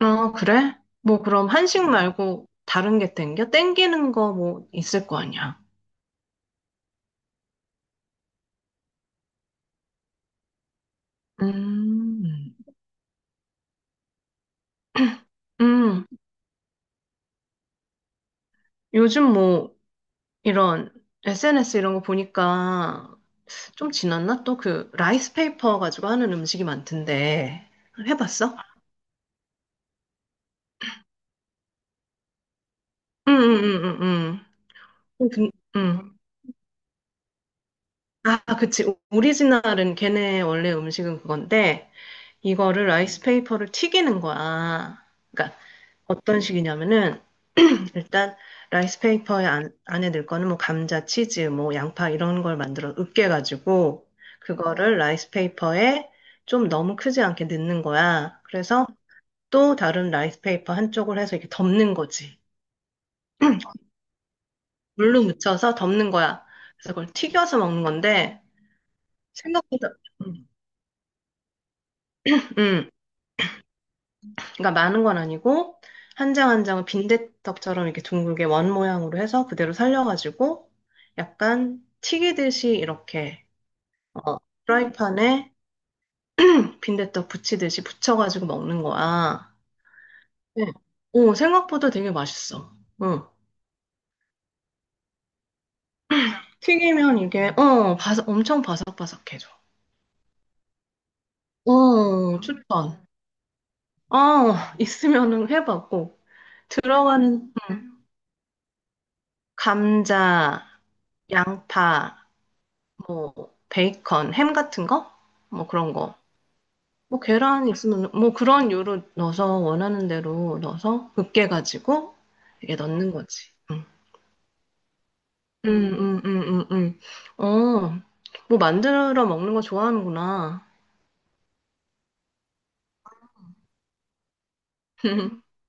아, 그래? 뭐 그럼 한식 말고 다른 게 땡겨? 땡기는 거 뭐 있을 거 아니야. 음, 음, 요즘 뭐 이런 SNS 이런 거 보니까 좀 지났나? 또 그 라이스 페이퍼 가지고 하는 음식이 많던데 해봤어? 응응응응응. 음, 음. 아, 그치. 오리지널은 걔네 원래 음식은 그건데 이거를 라이스 페이퍼를 튀기는 거야. 그러니까 어떤 식이냐면은 일단 라이스페이퍼에 안, 안에 넣을 거는 뭐 감자, 치즈, 뭐 양파 이런 걸 만들어 으깨가지고 그거를 라이스페이퍼에 좀 너무 크지 않게 넣는 거야. 그래서 또 다른 라이스페이퍼 한쪽을 해서 이렇게 덮는 거지. 물로 묻혀서 덮는 거야. 그래서 그걸 튀겨서 먹는 건데 생각보다 음, 음. 그러니까 많은 건 아니고 한 장 한 장을 빈대떡처럼 이렇게 둥글게 원 모양으로 해서 그대로 살려가지고 약간 튀기듯이 이렇게 어, 프라이팬에 빈대떡 부치듯이 부쳐가지고 먹는 거야. 네. 오, 생각보다 되게 맛있어. 응. 튀기면 이게, 어, 바삭, 엄청 바삭바삭해져. 어, 추천. 어, 있으면은 해봐, 꼭. 들어가는, 감자, 양파, 뭐, 베이컨, 햄 같은 거? 뭐 그런 거. 뭐 계란 있으면, 뭐 그런 요로 넣어서 원하는 대로 넣어서 으깨가지고 이게 넣는 거지. 응. 음, 음, 음, 음, 음. 어, 뭐 만들어 먹는 거 좋아하는구나.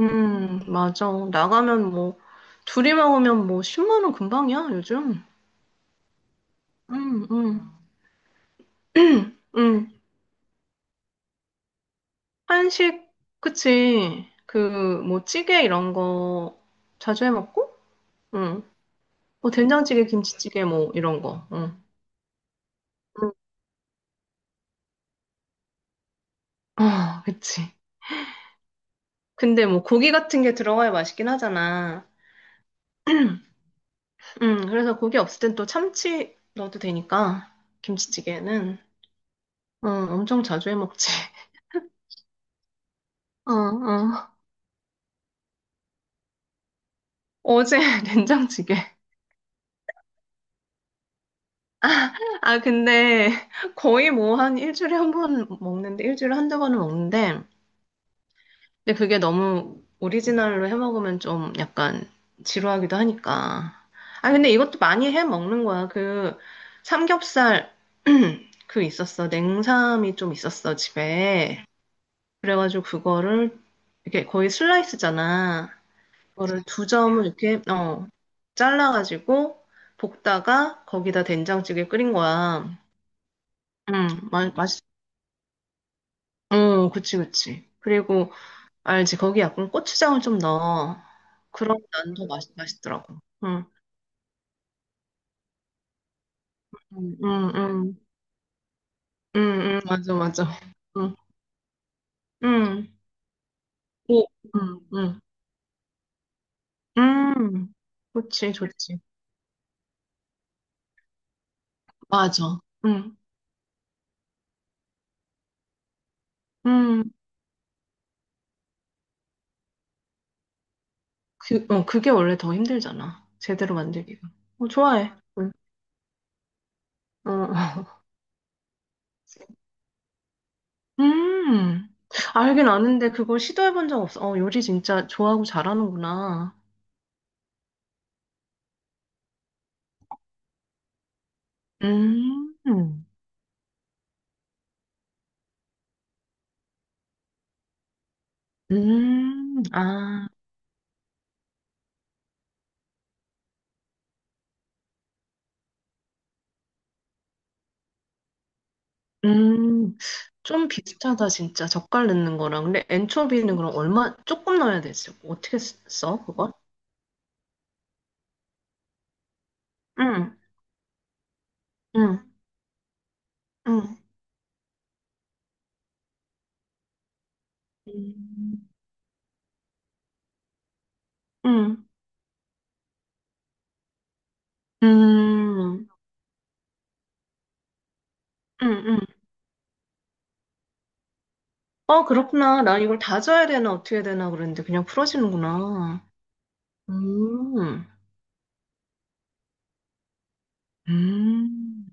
맞아. 나가면 뭐, 둘이 먹으면 뭐, 10만 원 금방이야, 요즘. 음, 음, 음. 한식, 그치. 그, 뭐, 찌개 이런 거 자주 해 먹고? 응. 뭐, 된장찌개, 김치찌개 뭐, 이런 거. 응. 응. 아, 그치. 근데 뭐, 고기 같은 게 들어가야 맛있긴 하잖아. 그래서 고기 없을 땐 또 참치 넣어도 되니까, 김치찌개는. 어, 엄청 자주 해 먹지. 어, 어. 어제 된장찌개. 아, 근데 거의 뭐 한 일주일에 한 번 먹는데, 일주일에 한두 번은 먹는데, 근데 그게 너무 오리지널로 해 먹으면 좀 약간 지루하기도 하니까. 아, 근데 이것도 많이 해 먹는 거야. 그 삼겹살, 그 있었어. 냉삼이 좀 있었어, 집에. 그래가지고 그거를 이렇게 거의 슬라이스잖아. 그거를 두 점을 이렇게 어 잘라가지고 볶다가 거기다 된장찌개 끓인 거야. 응, 맛 맛있. 어, 그치, 그치. 그리고 알지, 거기 약간 고추장을 좀 넣어. 그럼 난 더 맛있더라고. 응, 응, 응, 응, 응, 응, 맞아, 맞아. 응, 응, 오, 응, 응, 응, 그치, 좋지. 맞아. 응, 응. 그, 어, 그게 원래 더 힘들잖아. 제대로 만들기가. 어, 좋아해. 응. 어, 어. 음. 알긴 아는데 그걸 시도해본 적 없어. 어, 요리 진짜 좋아하고 잘하는구나. 음, 아, 음. 좀 비슷하다, 진짜. 젓갈 넣는 거랑. 근데 엔초비는 그럼 얼마, 조금 넣어야 되지. 어떻게 써, 그걸? 응, 응, 응. 응, 응, 응, 응, 응. 아, 그렇구나. 난 이걸 다져야 되나, 어떻게 해야 되나 그랬는데, 그냥 풀어지는구나. 음, 음,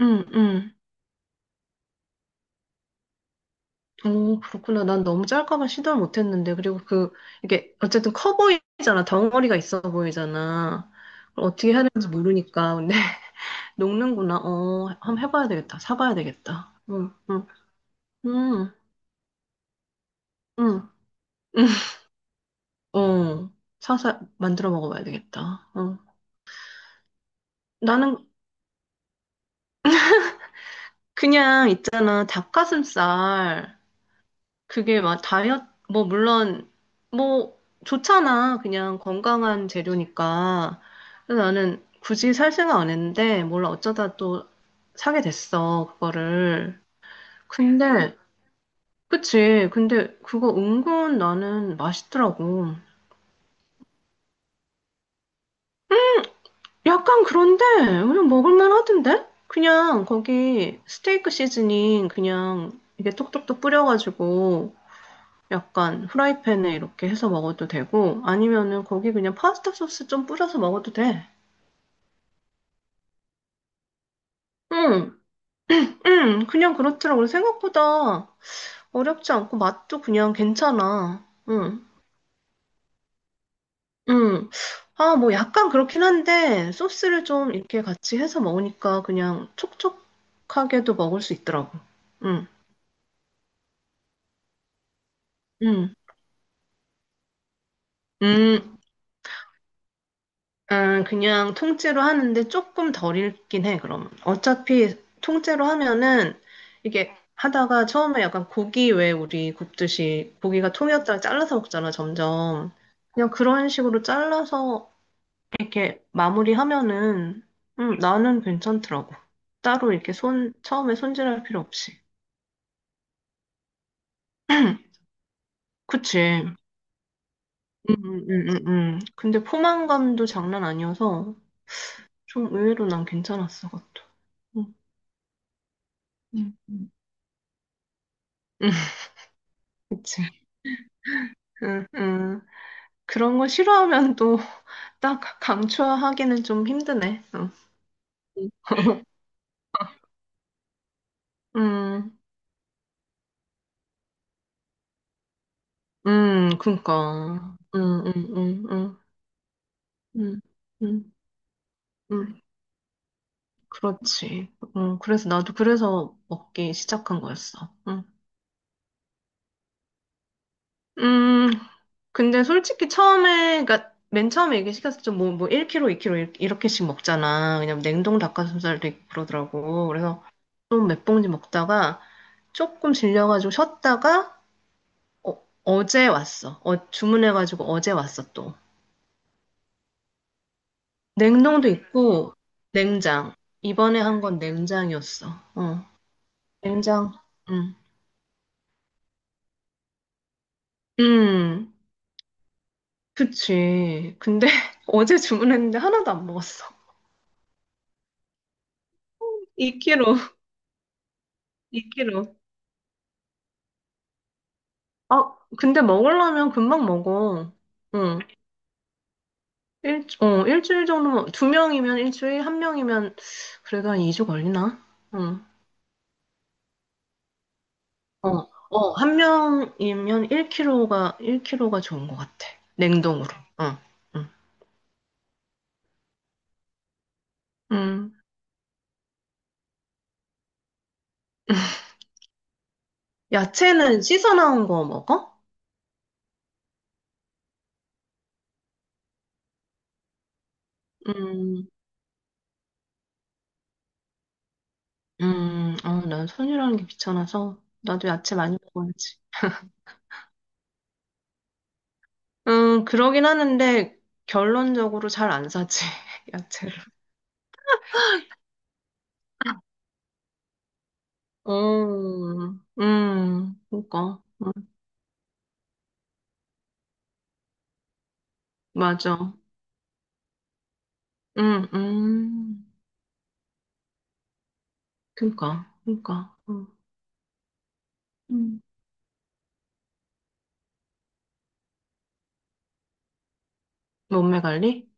음, 음. 오, 그렇구나. 난 너무 짤까봐 시도를 못했는데. 그리고 그, 이게, 어쨌든 커 보이잖아. 덩어리가 있어 보이잖아. 그걸 어떻게 해야 되는지 모르니까. 근데, 녹는구나. 어, 한번 해봐야 되겠다. 사봐야 되겠다. 응, 응, 응, 응, 응. 어, 사서 만들어 먹어봐야 되겠다. 어. 나는 그냥 있잖아, 닭가슴살. 그게 막 다이어트, 뭐, 물론, 뭐, 좋잖아. 그냥 건강한 재료니까. 그래서 나는 굳이 살 생각 안 했는데, 몰라, 어쩌다 또 사게 됐어, 그거를. 근데, 그치. 근데 그거 은근 나는 맛있더라고. 약간 그런데, 그냥 먹을만 하던데? 그냥 거기 스테이크 시즈닝 그냥 이게 톡톡톡 뿌려가지고, 약간 후라이팬에 이렇게 해서 먹어도 되고 아니면은 거기 그냥 파스타 소스 좀 뿌려서 먹어도 돼. 응, 응, 그냥 그렇더라고. 생각보다 어렵지 않고 맛도 그냥 괜찮아. 응, 응. 아, 뭐 약간 그렇긴 한데 소스를 좀 이렇게 같이 해서 먹으니까 그냥 촉촉하게도 먹을 수 있더라고. 응, 응, 응. 아, 그냥 통째로 하는데 조금 덜 읽긴 해, 그럼. 어차피 통째로 하면은 이게 하다가 처음에 약간 고기 왜 우리 굽듯이 고기가 통이었다가 잘라서 먹잖아, 점점. 그냥 그런 식으로 잘라서 이렇게 마무리하면은 나는 괜찮더라고. 따로 이렇게 손, 처음에 손질할 필요 없이. 그치. 음, 음, 음, 음. 음. 근데 포만감도 장난 아니어서 좀 의외로 난 괜찮았어, 그것도. 음. 음. 그치. 응, 응. 그런 거 싫어하면 또 딱 강추하기는 좀 힘드네. 응. 음, 그니까. 음, 음, 음, 음, 음, 음, 그렇지. 그래서 나도 그래서 먹기 시작한 거였어. 음, 근데 솔직히 처음에, 그니까 맨 처음에 얘기 시켰을 때 뭐, 뭐 1kg, 2kg 이렇게씩 먹잖아. 왜냐면 냉동 닭가슴살도 있고 그러더라고. 그래서 좀 몇 봉지 먹다가 조금 질려가지고 쉬었다가 어, 어제 왔어. 어, 주문해가지고 어제 왔어, 또. 냉동도 있고, 냉장. 이번에 한 건 냉장이었어. 어, 냉장. 응. 음, 그치. 근데 어제 주문했는데 하나도 안 먹었어. 2kg, 2kg. 아, 근데 먹으려면 금방 먹어. 응. 일, 어, 일주일 정도면, 두 명이면 일주일, 한 명이면 그래도 한 2주 걸리나? 응. 어, 어, 한 명이면 1kg가, 일 킬로가 좋은 것 같아. 냉동으로. 어, 응. 음. 야채는 씻어 나온 거 먹어? 음, 어, 난 손이라는 게 귀찮아서. 나도 야채 많이 먹어야지. 그러긴 하는데, 결론적으로 잘 안 사지, 야채를. 그니까. 맞아. 음, 음, 그니까, 그니까. 음. 음. 몸매 관리?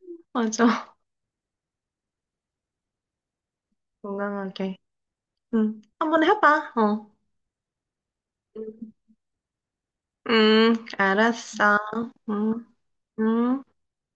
맞아. 건강하게. 응. 한번 해봐. 어. 음. 알았어. 음, 음.